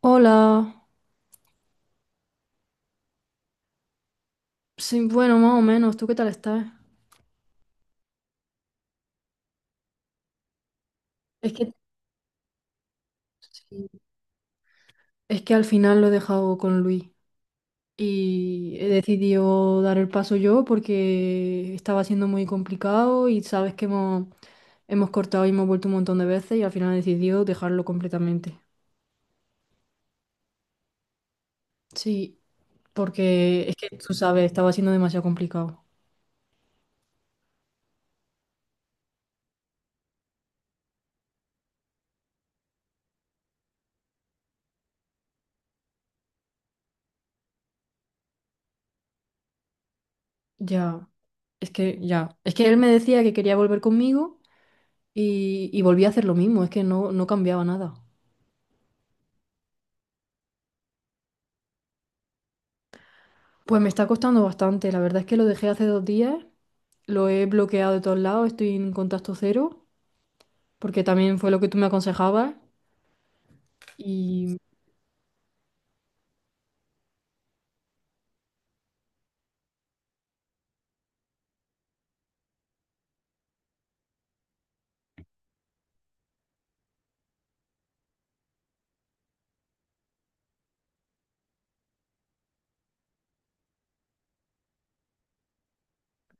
Hola, sí, bueno, más o menos, ¿tú qué tal estás? Es que, sí, es que al final lo he dejado con Luis y he decidido dar el paso yo porque estaba siendo muy complicado y sabes que hemos cortado y hemos vuelto un montón de veces y al final he decidido dejarlo completamente. Sí, porque es que tú sabes, estaba siendo demasiado complicado. Ya, ya, es que él me decía que quería volver conmigo y volví a hacer lo mismo, es que no, no cambiaba nada. Pues me está costando bastante. La verdad es que lo dejé hace 2 días, lo he bloqueado de todos lados, estoy en contacto cero, porque también fue lo que tú me aconsejabas. Y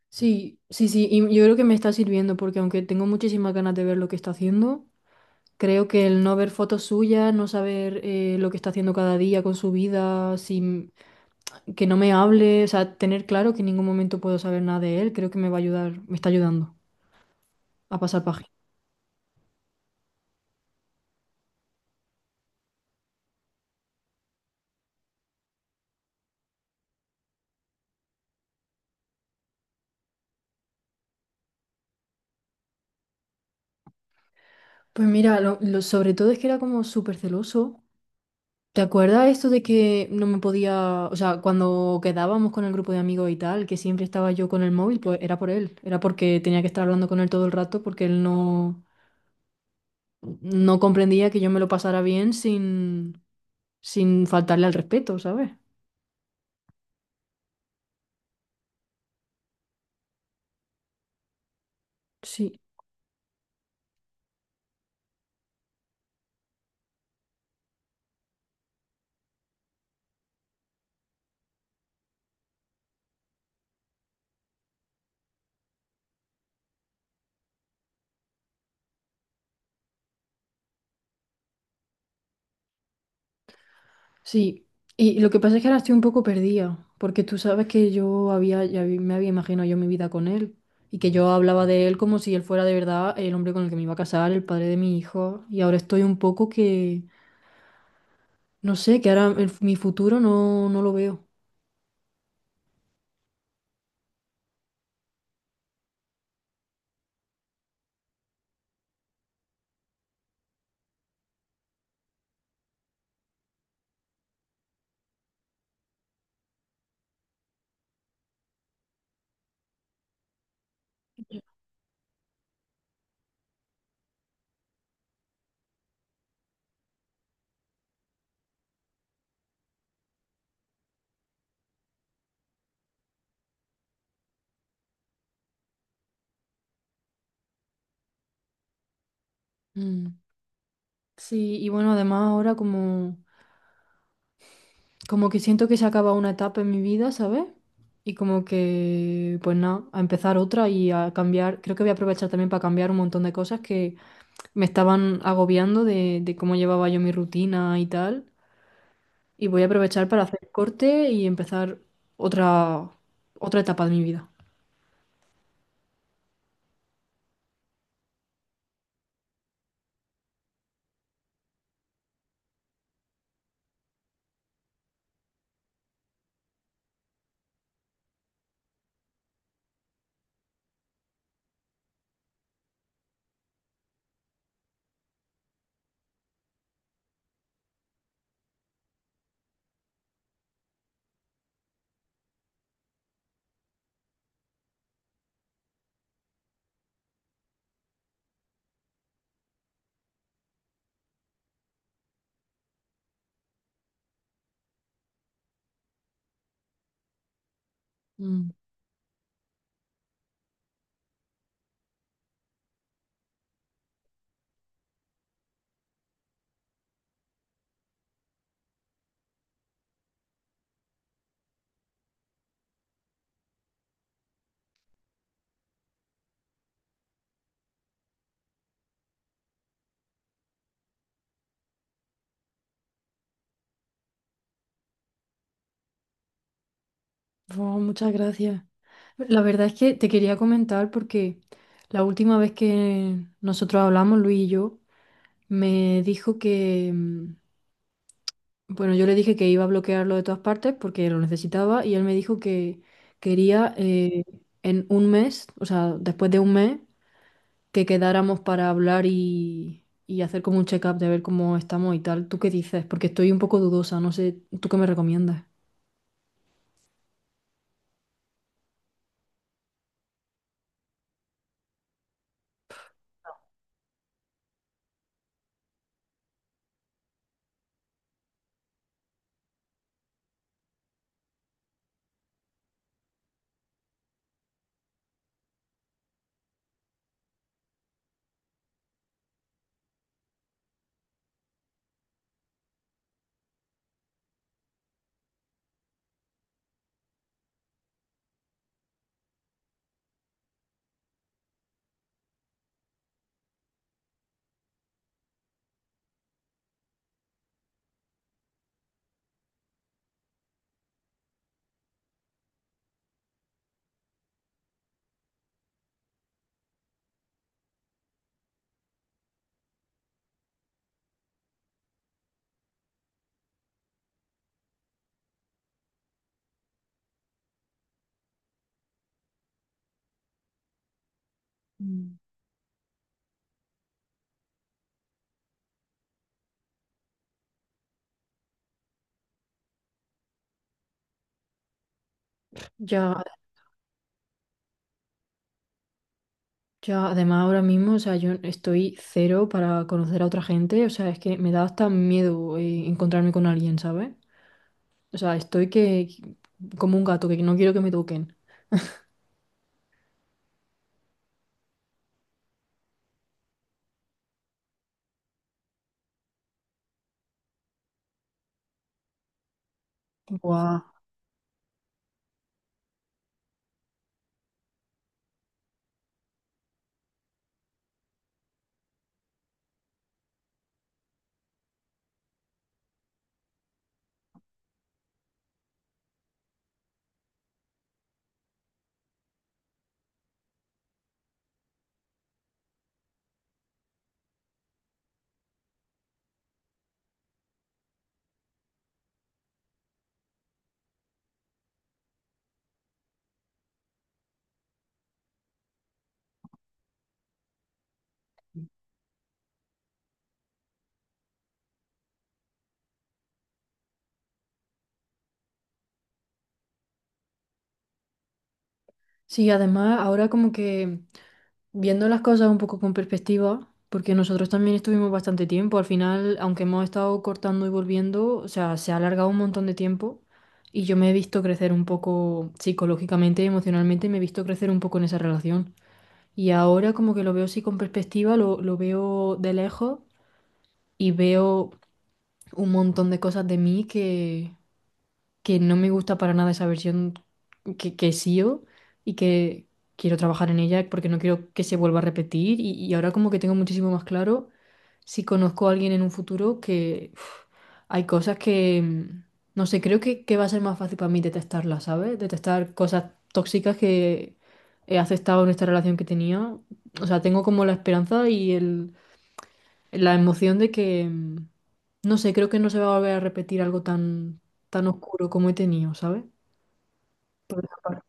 sí, sí, sí, y yo creo que me está sirviendo, porque aunque tengo muchísimas ganas de ver lo que está haciendo, creo que el no ver fotos suyas, no saber lo que está haciendo cada día con su vida, sin, que no me hable, o sea, tener claro que en ningún momento puedo saber nada de él, creo que me va a ayudar, me está ayudando a pasar página. Pues mira, sobre todo es que era como súper celoso. ¿Te acuerdas esto de que no me podía, o sea, cuando quedábamos con el grupo de amigos y tal, que siempre estaba yo con el móvil? Pues era por él, era porque tenía que estar hablando con él todo el rato porque él no, no comprendía que yo me lo pasara bien sin, sin faltarle al respeto, ¿sabes? Sí, sí. Y lo que pasa es que ahora estoy un poco perdida, porque tú sabes que yo me había imaginado yo mi vida con él y que yo hablaba de él como si él fuera de verdad el hombre con el que me iba a casar, el padre de mi hijo, y ahora estoy un poco que... No sé, que ahora mi futuro no, no lo veo. Mm. Sí, y bueno, además ahora como que siento que se acaba una etapa en mi vida, ¿sabes? Y como que, pues nada, a empezar otra y a cambiar. Creo que voy a aprovechar también para cambiar un montón de cosas que me estaban agobiando de cómo llevaba yo mi rutina y tal. Y voy a aprovechar para hacer corte y empezar otra, otra etapa de mi vida. Oh, muchas gracias. La verdad es que te quería comentar porque la última vez que nosotros hablamos, Luis y yo, me dijo que, bueno, yo le dije que iba a bloquearlo de todas partes porque lo necesitaba y él me dijo que quería en un mes, o sea, después de un mes, que quedáramos para hablar y hacer como un check-up de ver cómo estamos y tal. ¿Tú qué dices? Porque estoy un poco dudosa, no sé, ¿tú qué me recomiendas? Mm. Ya, ya además ahora mismo, o sea, yo estoy cero para conocer a otra gente, o sea, es que me da hasta miedo encontrarme con alguien, ¿sabes? O sea, estoy que como un gato, que no quiero que me toquen. Guau. Sí, además ahora como que viendo las cosas un poco con perspectiva, porque nosotros también estuvimos bastante tiempo, al final, aunque hemos estado cortando y volviendo, o sea, se ha alargado un montón de tiempo y yo me he visto crecer un poco psicológicamente y emocionalmente, me he visto crecer un poco en esa relación. Y ahora como que lo veo así con perspectiva, lo veo de lejos y veo un montón de cosas de mí que no me gusta para nada esa versión que SEO y que quiero trabajar en ella porque no quiero que se vuelva a repetir y ahora como que tengo muchísimo más claro si conozco a alguien en un futuro que uf, hay cosas que, mm, no sé, creo que va a ser más fácil para mí detectarlas, ¿sabes? Detectar cosas tóxicas que he aceptado en esta relación que tenía. O sea, tengo como la esperanza y el la emoción de que, mm, no sé, creo que no se va a volver a repetir algo tan, tan oscuro como he tenido, ¿sabes? Por esa parte.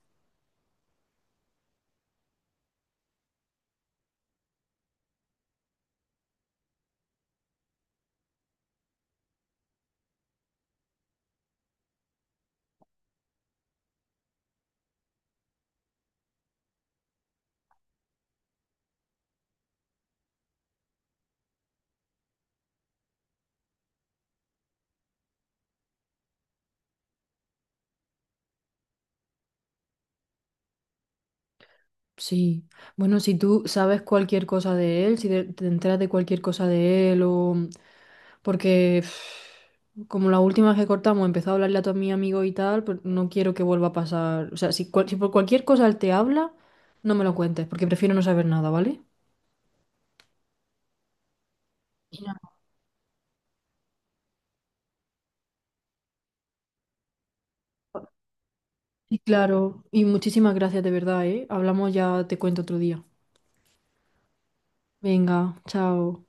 Sí. Bueno, si tú sabes cualquier cosa de él, si te, te enteras de cualquier cosa de él o... Porque pff, como la última vez que cortamos empezó a hablarle a todos mis amigos y tal, pues no quiero que vuelva a pasar. O sea, si, cual- si por cualquier cosa él te habla, no me lo cuentes, porque prefiero no saber nada, ¿vale? Y nada. Y claro, y muchísimas gracias de verdad, ¿eh? Hablamos ya, te cuento otro día. Venga, chao.